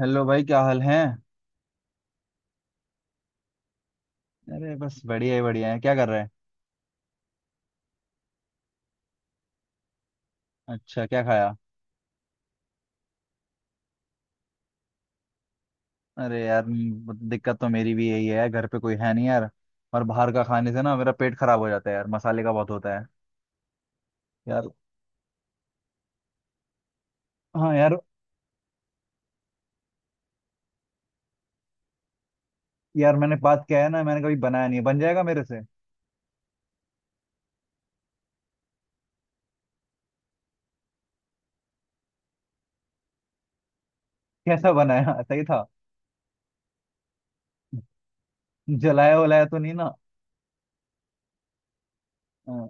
Hello भाई, क्या हाल है। अरे बस बढ़िया ही बढ़िया है। क्या कर रहे हैं। अच्छा, क्या खाया। अरे यार दिक्कत तो मेरी भी यही है, घर पे कोई है नहीं यार। और बाहर का खाने से ना मेरा पेट खराब हो जाता है यार, मसाले का बहुत होता है। यार हाँ यार, यार मैंने बात किया है ना, मैंने कभी बनाया नहीं है। बन जाएगा मेरे से। कैसा बनाया, सही था। जलाया वलाया तो नहीं ना। हाँ,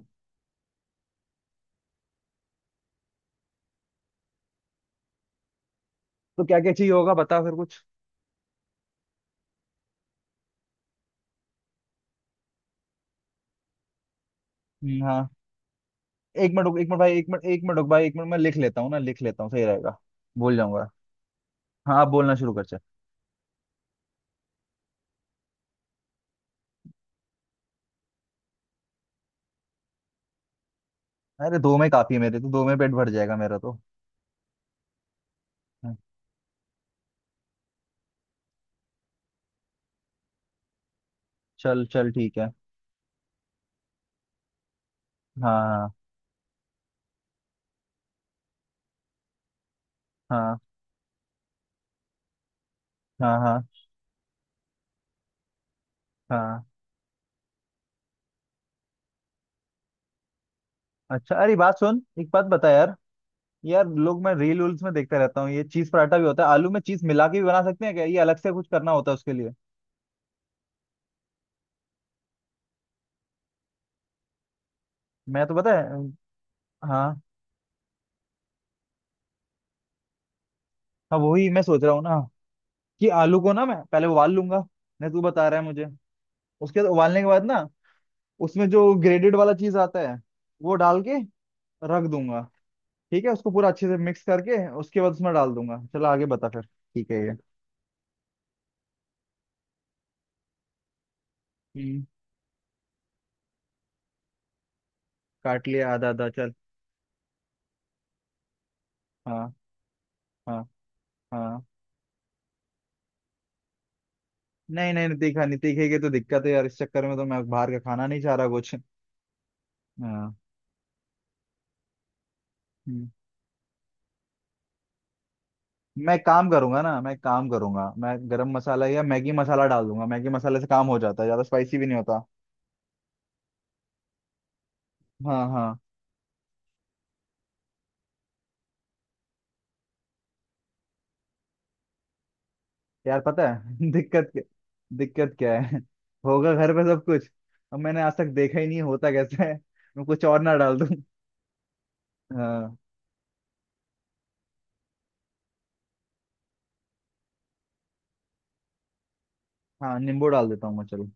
तो क्या क्या चाहिए होगा बता फिर कुछ। हाँ। एक मिनट रुक, एक मिनट भाई, एक मिनट, एक मिनट रुक भाई, एक मिनट मैं लिख लेता हूँ ना, लिख लेता हूँ सही रहेगा। भूल जाऊंगा। हाँ आप बोलना शुरू कर। अरे दो में काफी है, मेरे तो दो में पेट भर जाएगा मेरा तो। हाँ, चल चल ठीक है। हाँ हाँ हाँ हाँ हाँ हाँ। अच्छा, अरे बात सुन, एक बात बता यार। यार लोग, मैं रील उल्स में देखता रहता हूँ, ये चीज पराठा भी होता है, आलू में चीज मिला के भी बना सकते हैं क्या, ये अलग से कुछ करना होता है उसके लिए। मैं तो पता है। हाँ, हाँ वही मैं सोच रहा हूँ ना, कि आलू को ना मैं पहले उबाल लूंगा। नहीं तू बता रहा है मुझे। उसके बाद उबालने के बाद ना, उसमें जो ग्रेडेड वाला चीज आता है, वो डाल के रख दूंगा। ठीक है, उसको पूरा अच्छे से मिक्स करके उसके बाद उसमें डाल दूंगा, चलो आगे बता फिर। ठीक है ये। हम्म, काट लिया आधा आधा चल। हाँ हाँ हाँ। नहीं नहीं नहीं, तीखा नहीं, तीखेगी तो दिक्कत है यार, इस चक्कर में तो मैं बाहर का खाना नहीं चाह रहा कुछ। हाँ। हम्म। मैं काम करूंगा ना, मैं काम करूंगा, मैं गरम मसाला या मैगी मसाला डाल दूंगा, मैगी मसाले से काम हो जाता है, ज्यादा स्पाइसी भी नहीं होता। हाँ हाँ। यार पता है, दिक्कत क्या, दिक्कत क्या है होगा घर पे सब कुछ। अब मैंने आज तक देखा ही नहीं, होता कैसे है। मैं कुछ और ना डाल दूं। हाँ। हाँ नींबू डाल देता हूँ मैं, चलो।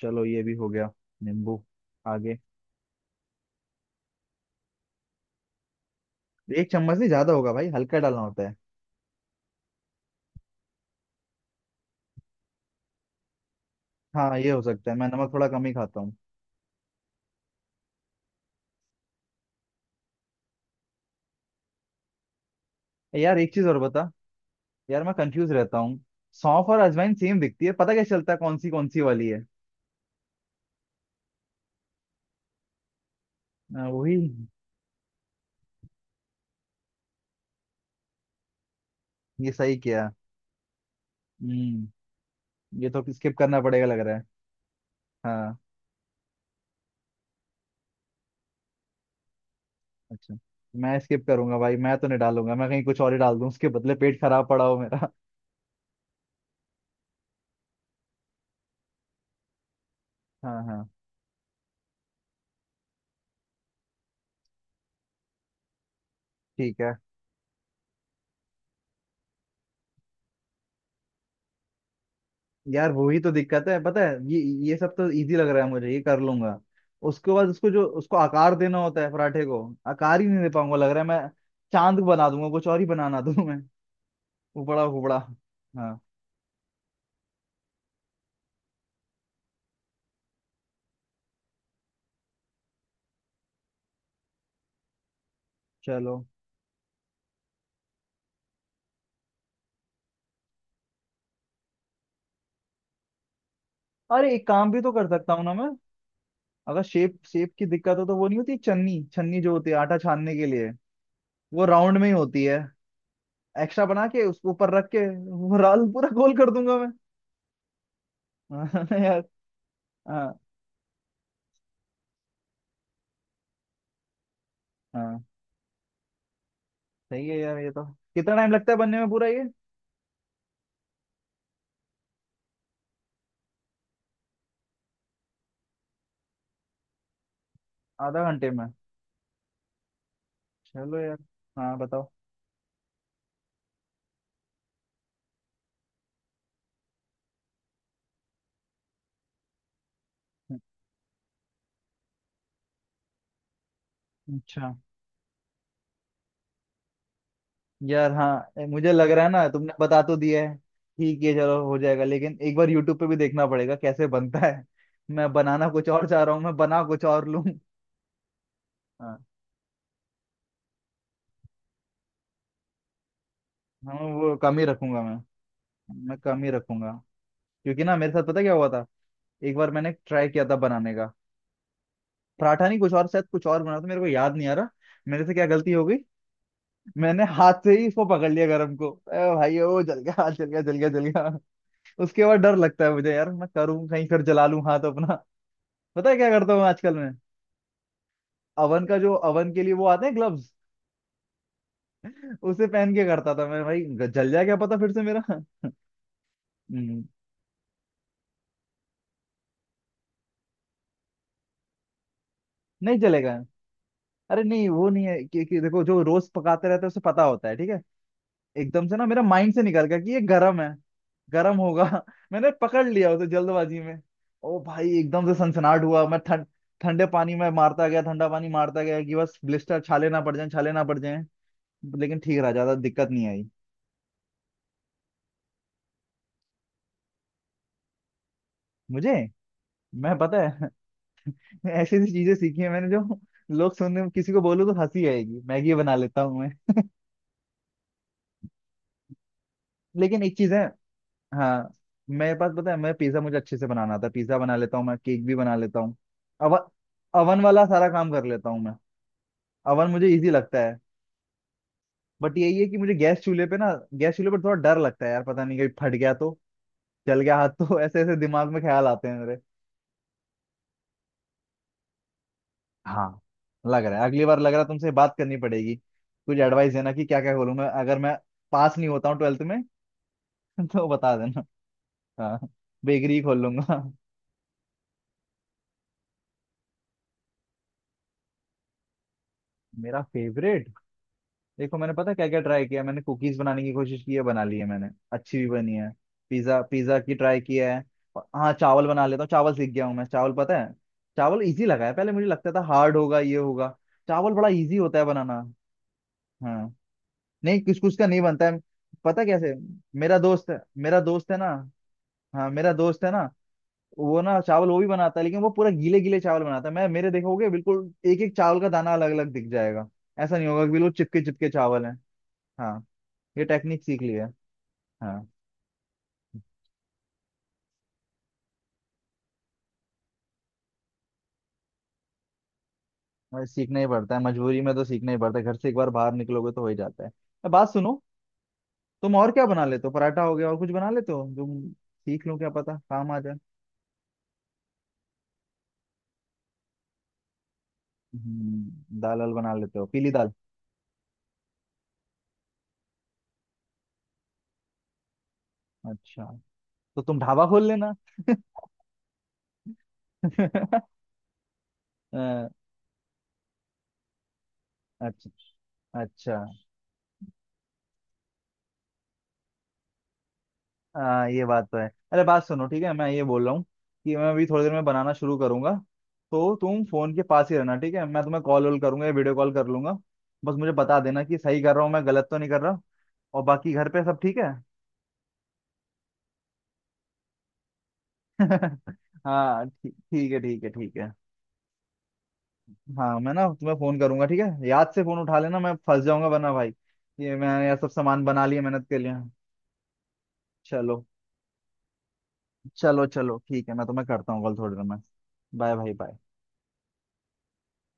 चलो ये भी हो गया। नींबू। आगे। एक चम्मच नहीं, ज्यादा होगा भाई, हल्का डालना होता है। हाँ ये हो सकता है, मैं नमक थोड़ा कम ही खाता हूँ। यार एक चीज और बता, यार मैं कंफ्यूज रहता हूँ। सौंफ और अजवाइन सेम दिखती है, पता कैसे चलता है कौन सी वाली है। हाँ, वही। ये सही किया। हम्म। ये तो स्किप करना पड़ेगा लग रहा है। हाँ। अच्छा। मैं स्किप करूंगा भाई, मैं तो नहीं डालूंगा, मैं कहीं कुछ और ही डाल दूं उसके बदले, पेट खराब पड़ा हो मेरा। हाँ हाँ ठीक है। यार वही तो दिक्कत है, पता है ये सब तो इजी लग रहा है मुझे, ये कर लूंगा। उसके बाद उसको, जो उसको आकार देना होता है पराठे को, आकार ही नहीं दे पाऊंगा लग रहा है मैं। चांद बना दूंगा, कुछ और ही बनाना दूं मैं। उपड़ा उपड़ा। हाँ चलो, अरे एक काम भी तो कर सकता हूँ ना मैं। अगर शेप शेप की दिक्कत हो तो, वो नहीं होती छन्नी छन्नी जो होती है आटा छानने के लिए, वो राउंड में ही होती है। एक्स्ट्रा बना के उसको ऊपर रख के वो राल पूरा गोल कर दूंगा मैं। हाँ यार। हाँ हाँ। सही है यार ये तो। कितना टाइम लगता है बनने में पूरा ये। आधा घंटे में। चलो यार। हाँ बताओ। अच्छा। यार हाँ, मुझे लग रहा है ना, तुमने बता तो दिया है, ठीक है चलो हो जाएगा, लेकिन एक बार यूट्यूब पे भी देखना पड़ेगा कैसे बनता है। मैं बनाना कुछ और चाह रहा हूँ, मैं बना कुछ और लूँ। हाँ। हाँ, वो कम ही रखूंगा मैं कम ही रखूंगा। क्योंकि ना मेरे साथ पता क्या हुआ था, एक बार मैंने ट्राई किया था बनाने का। पराठा नहीं, कुछ और, शायद कुछ और बना था, मेरे को याद नहीं आ रहा। मेरे से क्या गलती हो गई, मैंने हाथ से ही इसको पकड़ लिया गरम को, ए भाई ओ जल गया, हाथ जल गया, जल गया, जल गया। उसके बाद डर लगता है मुझे यार, मैं करूँ कहीं फिर जला लूं हाथ अपना। पता है क्या करता हूँ आजकल मैं, अवन का, जो अवन के लिए वो आते हैं ग्लव्स, उसे पहन के करता था मैं भाई, जल जाए क्या पता फिर से मेरा। हम्म, नहीं जलेगा। अरे नहीं वो नहीं है कि देखो, जो रोज पकाते रहते हैं उसे पता होता है ठीक है। एकदम से ना मेरा माइंड से निकल गया कि ये गर्म है, गर्म होगा। मैंने पकड़ लिया उसे जल्दबाजी में। ओ भाई एकदम से सनसनाहट हुआ, मैं ठंड, ठंडे पानी में मारता गया, ठंडा पानी मारता गया कि बस ब्लिस्टर, छाले ना पड़ जाए, छाले ना पड़ जाए। लेकिन ठीक रहा, ज्यादा दिक्कत नहीं आई मुझे। मैं पता है ऐसी ऐसी चीजें सीखी है मैंने, जो लोग, सुनने किसी को बोलूं तो हंसी आएगी। मैगी बना लेता हूँ मैं, लेकिन एक चीज है। हाँ मेरे पास, पता है, मैं पिज्जा, मुझे अच्छे से बनाना आता है, पिज्जा बना लेता हूँ मैं, केक भी बना लेता हूँ। अवन, अवन वाला सारा काम कर लेता हूँ मैं। अवन मुझे इजी लगता है, बट यही है कि मुझे गैस चूल्हे पे ना, गैस चूल्हे पर थोड़ा डर लगता है यार, पता नहीं कहीं फट गया तो, जल गया हाथ तो। ऐसे ऐसे दिमाग में ख्याल आते हैं मेरे। हाँ लग रहा है, अगली बार लग रहा है तुमसे बात करनी पड़ेगी कुछ एडवाइस देना, कि क्या क्या खोलूं मैं अगर मैं पास नहीं होता हूँ ट्वेल्थ में। तो बता देना। हाँ बेकरी खोल लूंगा। मेरा फेवरेट, देखो मैंने, पता क्या क्या ट्राई किया, मैंने कुकीज बनाने की कोशिश की है, बना ली है मैंने, अच्छी भी बनी है। पिज्जा, पिज्जा की ट्राई किया है। और हाँ चावल बना लेता हूँ, चावल सीख गया हूँ मैं, चावल पता है, चावल इजी लगा है, पहले मुझे लगता था हार्ड होगा ये होगा, चावल बड़ा इजी होता है बनाना। हाँ। नहीं कुछ कुछ का नहीं बनता है। पता कैसे, मेरा दोस्त है, मेरा दोस्त है ना, हाँ मेरा दोस्त है ना, वो ना चावल वो भी बनाता है, लेकिन वो पूरा गीले गीले चावल बनाता है। मैं मेरे देखोगे बिल्कुल एक एक चावल का दाना अलग अलग दिख जाएगा। ऐसा नहीं होगा कि बिल्कुल चिपके चिपके चावल है। हाँ, ये टेक्निक सीख ली है। हाँ, और सीखना ही पड़ता है, मजबूरी में तो सीखना ही पड़ता है, घर से एक बार बाहर निकलोगे तो हो ही जाता है। अब बात सुनो, तुम और क्या बना लेते हो, पराठा हो गया, और कुछ बना लेते हो तुम, सीख लो क्या पता काम आ जाए। दाल वाल बना लेते हो, पीली दाल। अच्छा, तो तुम ढाबा खोल लेना। अ, अच्छा, अच्छा। हाँ ये बात तो है। अरे बात सुनो, ठीक है मैं ये बोल रहा हूँ कि मैं अभी थोड़ी देर में बनाना शुरू करूंगा, तो तुम फोन के पास ही रहना ठीक है, मैं तुम्हें कॉल वॉल करूंगा या वीडियो कॉल कर लूंगा। बस मुझे बता देना कि सही कर रहा हूँ मैं, गलत तो नहीं कर रहा। और बाकी घर पे सब ठीक है। हाँ ठीक, ठीक है, ठीक है, ठीक है। हाँ मैं ना तुम्हें फोन करूंगा, ठीक है याद से फोन उठा लेना, मैं फंस जाऊंगा वरना भाई, ये मैं यह सब सामान बना लिए मेहनत के लिए। चलो चलो चलो ठीक है, मैं तुम्हें करता हूँ कॉल थोड़ी देर में। बाय भाई बाय।